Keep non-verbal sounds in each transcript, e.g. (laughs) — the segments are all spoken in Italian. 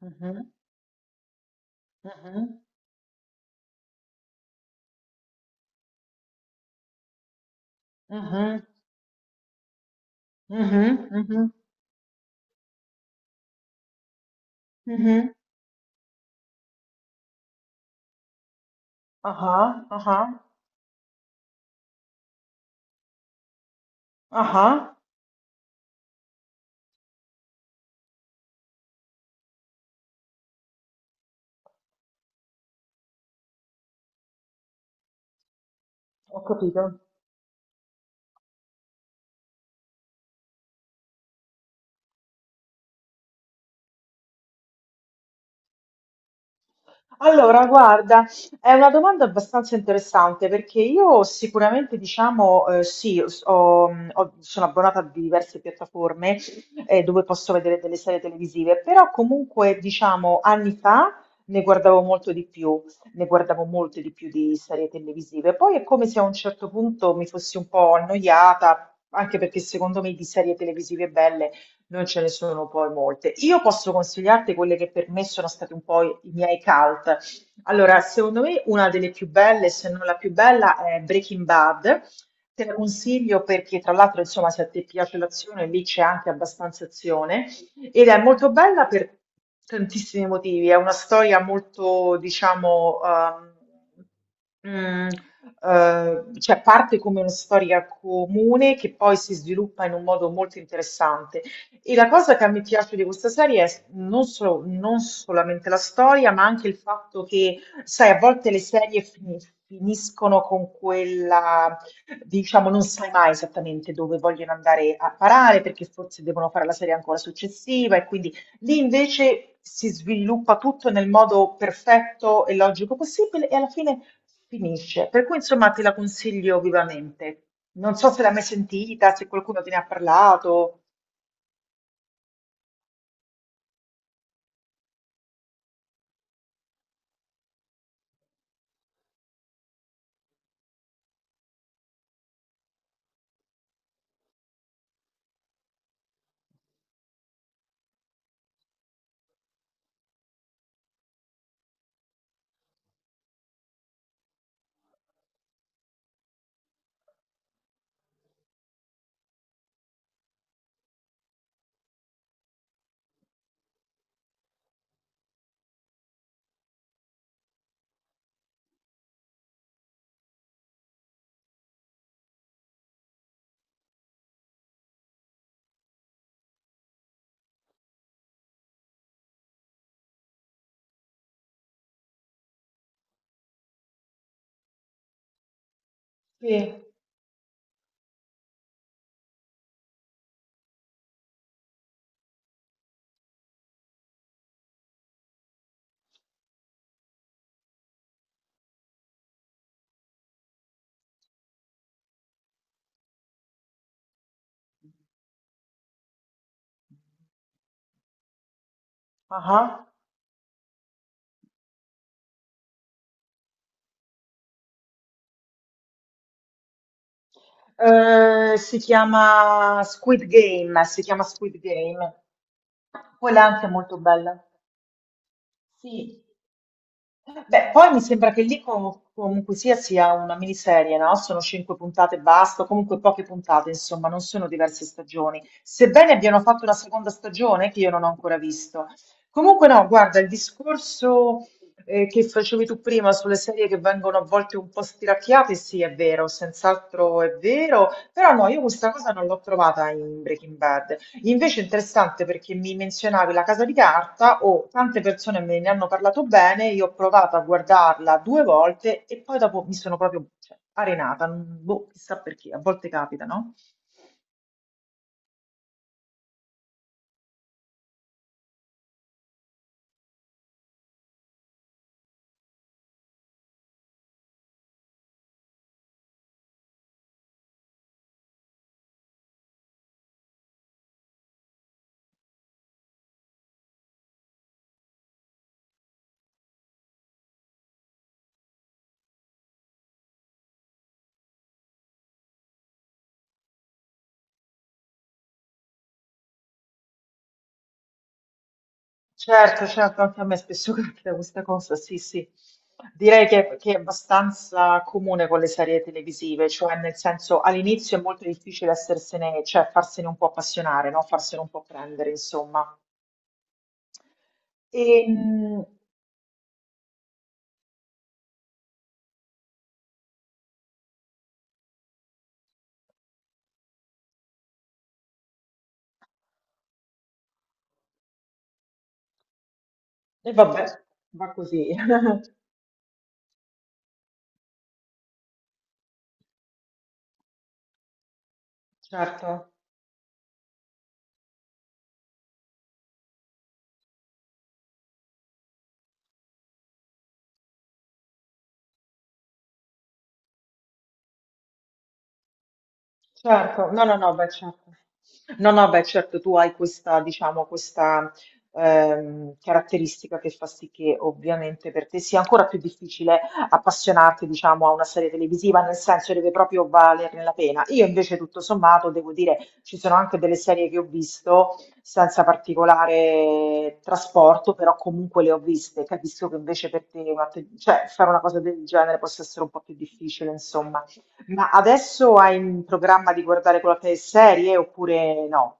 Mhm, mhm, mhm, mhm, mhm, mhm, aha, aha, aha, ho capito. Allora, guarda, è una domanda abbastanza interessante perché io sicuramente, diciamo, sì, sono abbonata a diverse piattaforme dove posso vedere delle serie televisive, però comunque, diciamo, anni fa ne guardavo molto di più, ne guardavo molte di più di serie televisive. Poi è come se a un certo punto mi fossi un po' annoiata, anche perché secondo me di serie televisive belle non ce ne sono poi molte. Io posso consigliarti quelle che per me sono stati un po' i miei cult. Allora, secondo me una delle più belle, se non la più bella, è Breaking Bad. Te la consiglio perché, tra l'altro, insomma, se a te piace l'azione, lì c'è anche abbastanza azione. Ed è molto bella per tantissimi motivi. È una storia molto, diciamo, mm, cioè parte come una storia comune che poi si sviluppa in un modo molto interessante. E la cosa che a me piace di questa serie è non solamente la storia, ma anche il fatto che, sai, a volte le serie finiscono con quella, diciamo, non sai mai esattamente dove vogliono andare a parare, perché forse devono fare la serie ancora successiva, e quindi lì invece si sviluppa tutto nel modo perfetto e logico possibile, e alla fine finisce. Per cui, insomma, te la consiglio vivamente. Non so se l'hai mai sentita, se qualcuno te ne ha parlato. Sì. Ah ah. Si chiama Squid Game, si chiama Squid Game. Quella anche è molto bella. Sì. Beh, poi mi sembra che lì comunque sia sia una miniserie, no? Sono cinque puntate e basta, comunque poche puntate, insomma, non sono diverse stagioni. Sebbene abbiano fatto una seconda stagione che io non ho ancora visto. Comunque no, guarda, il discorso che facevi tu prima sulle serie che vengono a volte un po' stiracchiate, sì, è vero, senz'altro è vero, però no, io questa cosa non l'ho trovata in Breaking Bad. Invece è interessante perché mi menzionavi La Casa di Carta, o tante persone me ne hanno parlato bene, io ho provato a guardarla due volte e poi dopo mi sono proprio cioè, arenata, boh, chissà perché, a volte capita, no? Certo, certo, anche a me spesso (laughs) capita questa cosa, sì, sì. Direi che è abbastanza comune con le serie televisive, cioè nel senso all'inizio è molto difficile essersene, cioè farsene un po' appassionare, no? Farsene un po' prendere, insomma. E, mm, e vabbè, va così. (laughs) Certo, certo, no, no, no, beh, certo. No, no, beh, certo, tu hai questa, diciamo, questa caratteristica che fa sì che ovviamente per te sia ancora più difficile appassionarti, diciamo, a una serie televisiva, nel senso deve proprio valerne la pena. Io invece, tutto sommato, devo dire, ci sono anche delle serie che ho visto senza particolare trasporto, però comunque le ho viste. Capisco che invece per te, una cioè, fare una cosa del genere possa essere un po' più difficile, insomma. Ma adesso hai in programma di guardare qualche serie oppure no?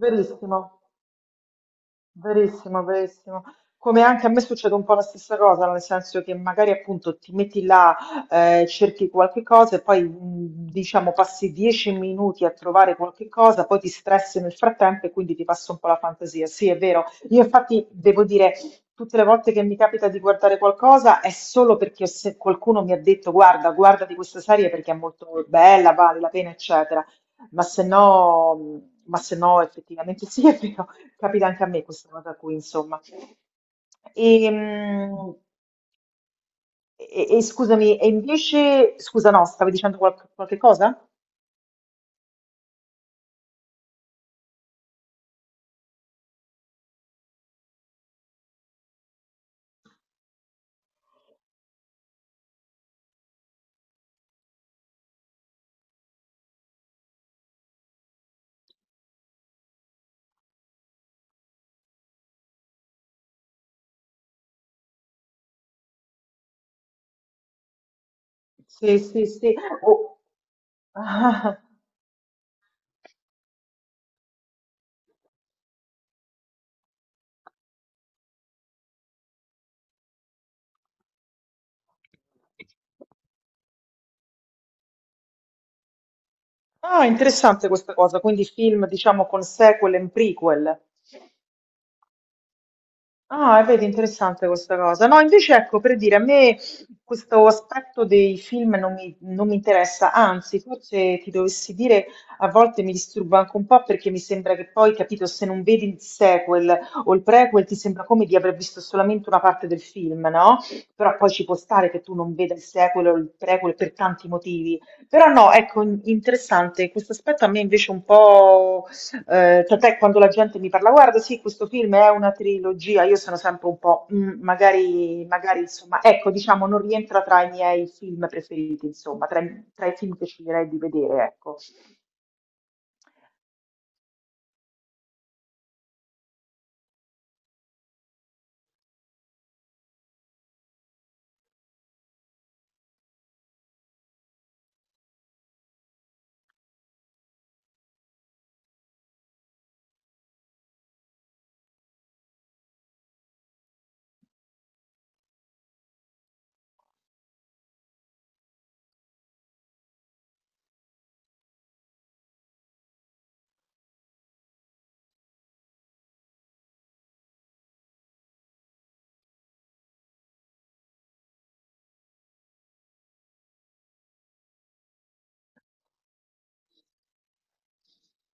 Verissimo. Verissimo, verissimo. Come anche a me succede un po' la stessa cosa, nel senso che magari appunto ti metti là, cerchi qualche cosa e poi diciamo passi 10 minuti a trovare qualche cosa, poi ti stressi nel frattempo e quindi ti passa un po' la fantasia. Sì, è vero. Io infatti devo dire, tutte le volte che mi capita di guardare qualcosa è solo perché se qualcuno mi ha detto guarda, guarda di questa serie perché è molto bella, vale la pena, eccetera. Ma se no, mm, ma se no effettivamente sì, è vero. Capita anche a me questa cosa qui, insomma. E, mm, e scusami, e invece, scusa, no, stavi dicendo qualche cosa? Sì, sì, sì. Oh. Ah, ah, interessante questa cosa, quindi film, diciamo, con sequel e prequel. Ah, e vedi, interessante questa cosa. No, invece ecco, per dire, a me questo aspetto dei film non mi interessa, anzi, forse ti dovessi dire, a volte mi disturba anche un po' perché mi sembra che poi, capito, se non vedi il sequel o il prequel ti sembra come di aver visto solamente una parte del film, no? Però poi ci può stare che tu non veda il sequel o il prequel per tanti motivi. Però no, ecco, interessante, questo aspetto a me invece un po' tant'è quando la gente mi parla, guarda, sì, questo film è una trilogia, io sono sempre un po', "Mm, magari, magari, insomma, ecco, diciamo, non rientra tra i miei film preferiti, insomma, tra i film che sceglierei di vedere, ecco.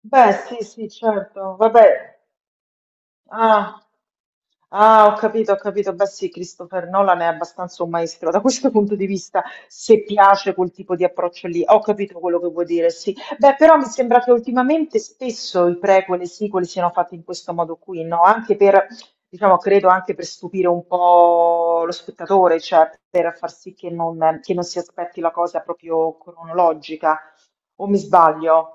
Beh, sì, sì, certo, vabbè. Ah, ah, ho capito, ho capito. Beh, sì, Christopher Nolan è abbastanza un maestro da questo (laughs) punto di vista, se piace quel tipo di approccio lì. Ho capito quello che vuoi dire, sì. Beh, però mi sembra che ultimamente spesso i prequel e i sequel siano fatti in questo modo qui, no? Anche per, diciamo, credo anche per stupire un po' lo spettatore, cioè per far sì che non si aspetti la cosa proprio cronologica. O mi sbaglio?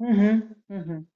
Mhm, mhm.